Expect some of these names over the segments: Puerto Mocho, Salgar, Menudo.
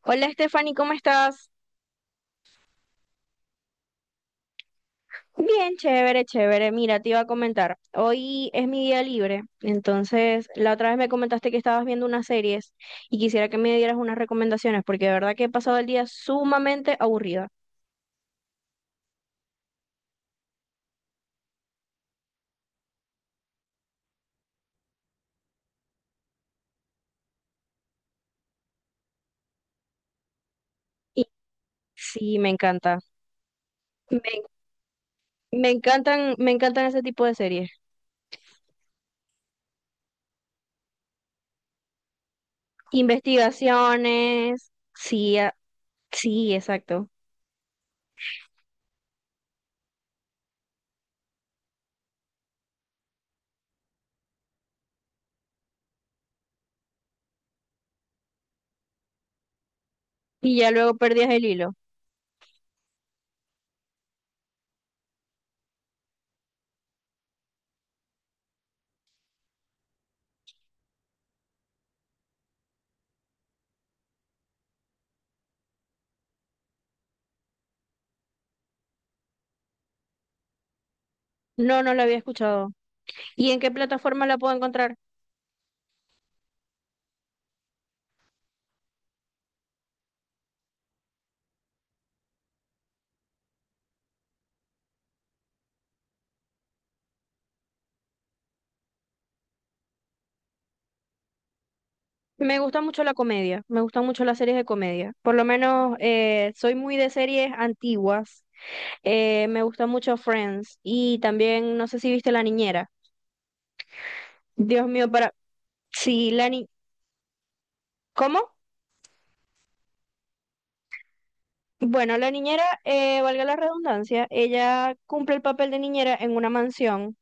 Hola Stephanie, ¿cómo estás? Bien, chévere, chévere. Mira, te iba a comentar. Hoy es mi día libre, entonces la otra vez me comentaste que estabas viendo unas series y quisiera que me dieras unas recomendaciones porque de verdad que he pasado el día sumamente aburrida. Y sí, me encanta. Me, me encantan ese tipo de series. Investigaciones. Sí, sí, exacto. Y ya luego perdías el hilo. No, no la había escuchado. ¿Y en qué plataforma la puedo encontrar? Me gusta mucho la comedia, me gustan mucho las series de comedia. Por lo menos soy muy de series antiguas. Me gusta mucho Friends y también no sé si viste La Niñera. Dios mío, para... Sí, la ni... ¿Cómo? Bueno, la niñera, valga la redundancia, ella cumple el papel de niñera en una mansión.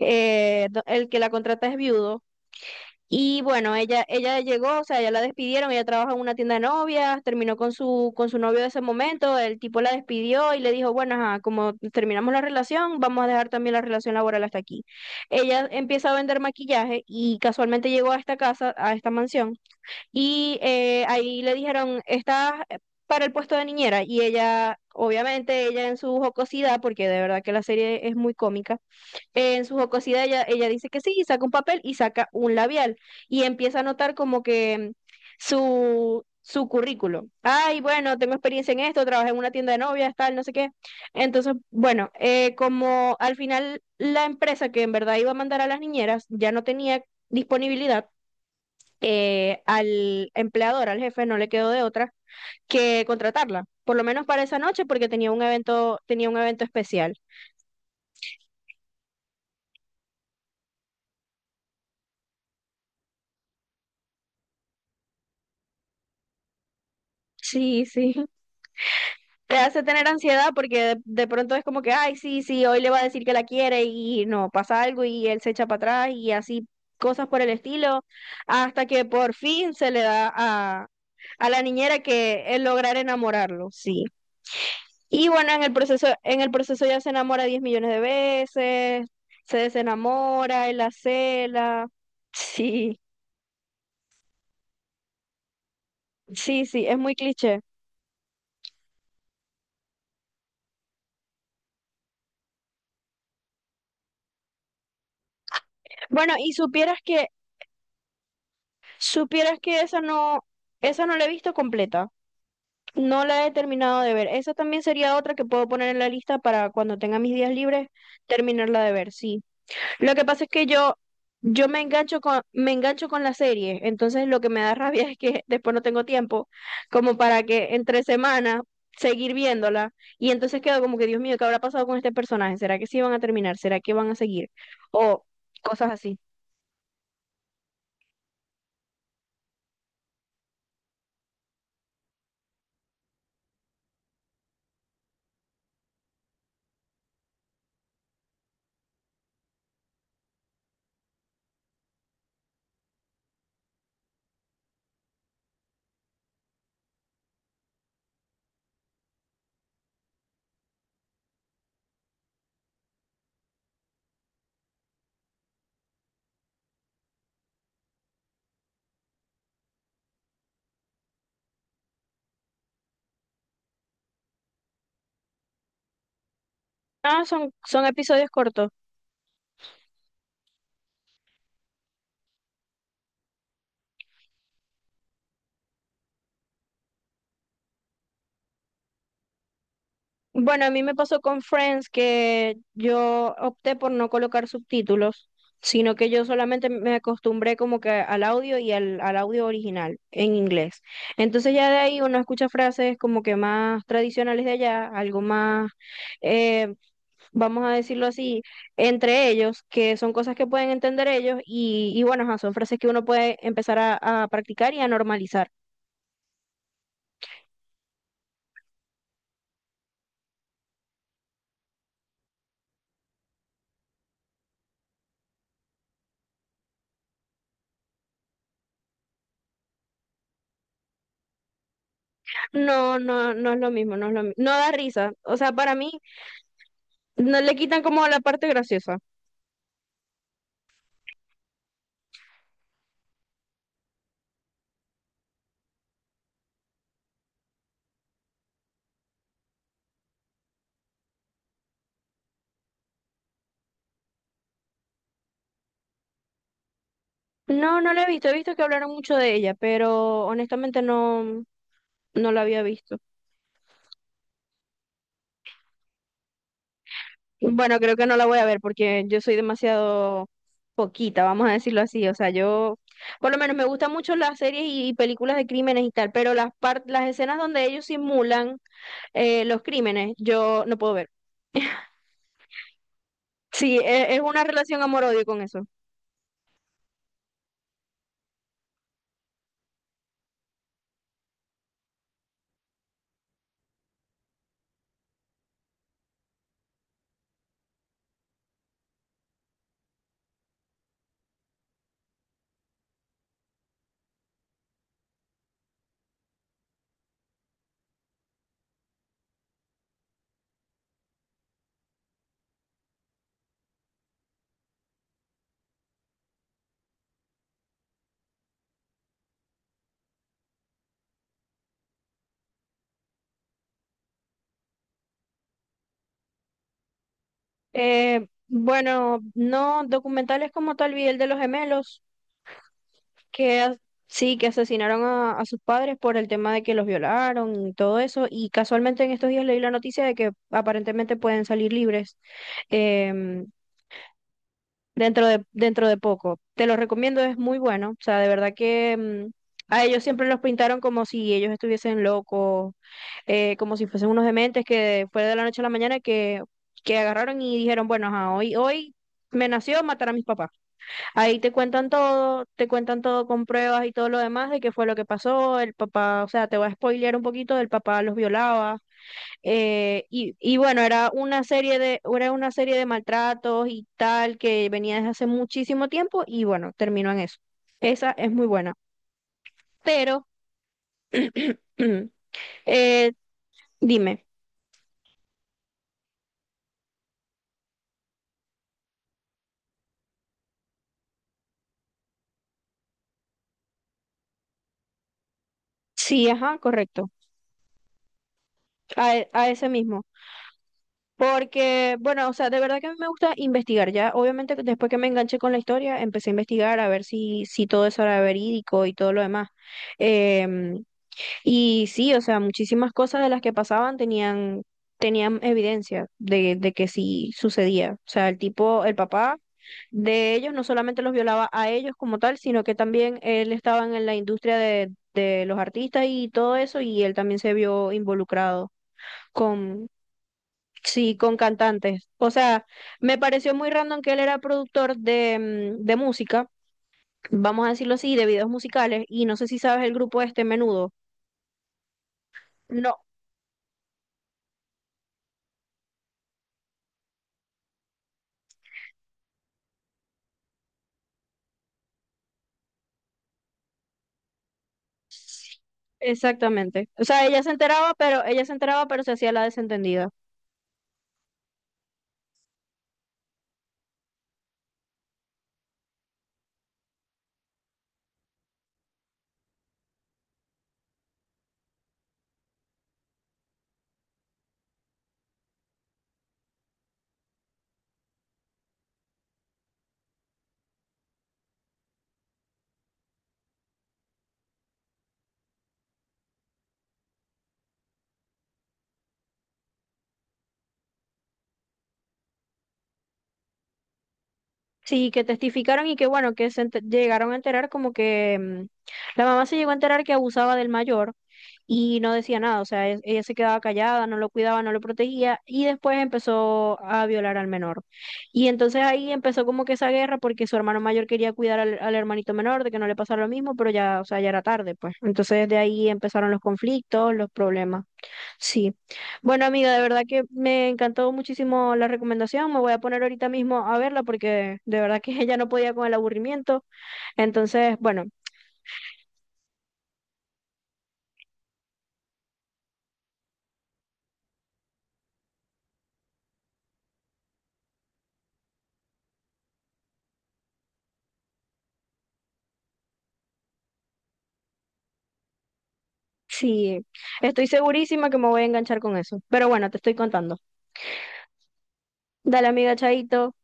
El que la contrata es viudo. Y bueno, ella llegó, o sea, ya la despidieron, ella trabaja en una tienda de novias, terminó con con su novio de ese momento, el tipo la despidió y le dijo, bueno, ajá, como terminamos la relación, vamos a dejar también la relación laboral hasta aquí. Ella empieza a vender maquillaje y casualmente llegó a esta casa, a esta mansión, y ahí le dijeron, estás para el puesto de niñera, y ella, obviamente, ella en su jocosidad, porque de verdad que la serie es muy cómica, en su jocosidad ella dice que sí y saca un papel y saca un labial y empieza a notar como que su currículo. Ay, bueno, tengo experiencia en esto, trabajé en una tienda de novias, tal, no sé qué. Entonces, bueno, como al final la empresa que en verdad iba a mandar a las niñeras ya no tenía disponibilidad, al empleador, al jefe, no le quedó de otra que contratarla, por lo menos para esa noche porque tenía un evento especial. Sí, sí. Te hace tener ansiedad porque de pronto es como que, ay, sí, sí, hoy le va a decir que la quiere y no, pasa algo y él se echa para atrás y así cosas por el estilo, hasta que por fin se le da a la niñera que el lograr enamorarlo, sí. Y bueno, en el proceso ya se enamora 10 millones de veces, se desenamora, él la cela, sí. Sí, sí, es muy cliché. Bueno, supieras que esa no la he visto completa. No la he terminado de ver. Esa también sería otra que puedo poner en la lista para cuando tenga mis días libres terminarla de ver, sí. Lo que pasa es que yo me engancho me engancho con la serie, entonces lo que me da rabia es que después no tengo tiempo como para que entre semanas seguir viéndola y entonces quedo como que, Dios mío, ¿qué habrá pasado con este personaje? ¿Será que sí van a terminar? ¿Será que van a seguir? O cosas así. Ah, son episodios cortos. Bueno, a mí me pasó con Friends que yo opté por no colocar subtítulos, sino que yo solamente me acostumbré como que al audio y al audio original en inglés. Entonces ya de ahí uno escucha frases como que más tradicionales de allá, algo más, eh, vamos a decirlo así, entre ellos, que son cosas que pueden entender ellos y bueno, ajá, son frases que uno puede empezar a practicar y a normalizar. No, no, no es lo mismo, no da risa. O sea, para mí no le quitan como la parte graciosa. No, no la he visto. He visto que hablaron mucho de ella, pero honestamente no, no la había visto. Bueno, creo que no la voy a ver porque yo soy demasiado poquita, vamos a decirlo así. O sea, yo, por lo menos me gustan mucho las series películas de crímenes y tal, pero las escenas donde ellos simulan los crímenes, yo no puedo ver. Sí, es una relación amor-odio con eso. Bueno, no, documentales como tal, vi el de los gemelos. que as- sí, que asesinaron a sus padres por el tema de que los violaron y todo eso. Y casualmente en estos días leí la noticia de que aparentemente pueden salir libres em, dentro de poco. Te lo recomiendo, es muy bueno. O sea, de verdad que a ellos siempre los pintaron como si ellos estuviesen locos, como si fuesen unos dementes, que fue de la noche a la mañana que agarraron y dijeron, bueno, ajá, hoy me nació matar a mis papás. Ahí te cuentan todo con pruebas y todo lo demás de qué fue lo que pasó, el papá, o sea, te va a spoilear un poquito, el papá los violaba, y bueno, era una serie de, era una serie de maltratos y tal que venía desde hace muchísimo tiempo y bueno, terminó en eso. Esa es muy buena, pero eh, dime, sí, ajá, correcto, a ese mismo. Porque, bueno, o sea, de verdad que a mí me gusta investigar, ya. Obviamente, que después que me enganché con la historia, empecé a investigar a ver si, si todo eso era verídico y todo lo demás. Em, y sí, o sea, muchísimas cosas de las que pasaban tenían, tenían evidencia de que sí sucedía. O sea, el tipo, el papá de ellos no solamente los violaba a ellos como tal, sino que también él estaba en la industria de los artistas y todo eso, y él también se vio involucrado. Sí, con cantantes. O sea, me pareció muy random que él era productor de, de música, vamos a decirlo así, de videos musicales, y no sé si sabes el grupo este Menudo. No, exactamente. O sea, ella se enteraba, pero ella se enteraba, pero se hacía la desentendida. Sí, que testificaron y que bueno, que llegaron a enterar como que la mamá se llegó a enterar que abusaba del mayor y no decía nada, o sea, ella se quedaba callada, no lo cuidaba, no lo protegía y después empezó a violar al menor. Y entonces ahí empezó como que esa guerra porque su hermano mayor quería cuidar al hermanito menor de que no le pasara lo mismo, pero ya, o sea, ya era tarde, pues. Entonces de ahí empezaron los conflictos, los problemas. Sí. Bueno, amiga, de verdad que me encantó muchísimo la recomendación. Me voy a poner ahorita mismo a verla porque de verdad que ella no podía con el aburrimiento. Entonces, bueno, sí, estoy segurísima que me voy a enganchar con eso. Pero bueno, te estoy contando. Dale, amiga, chaito.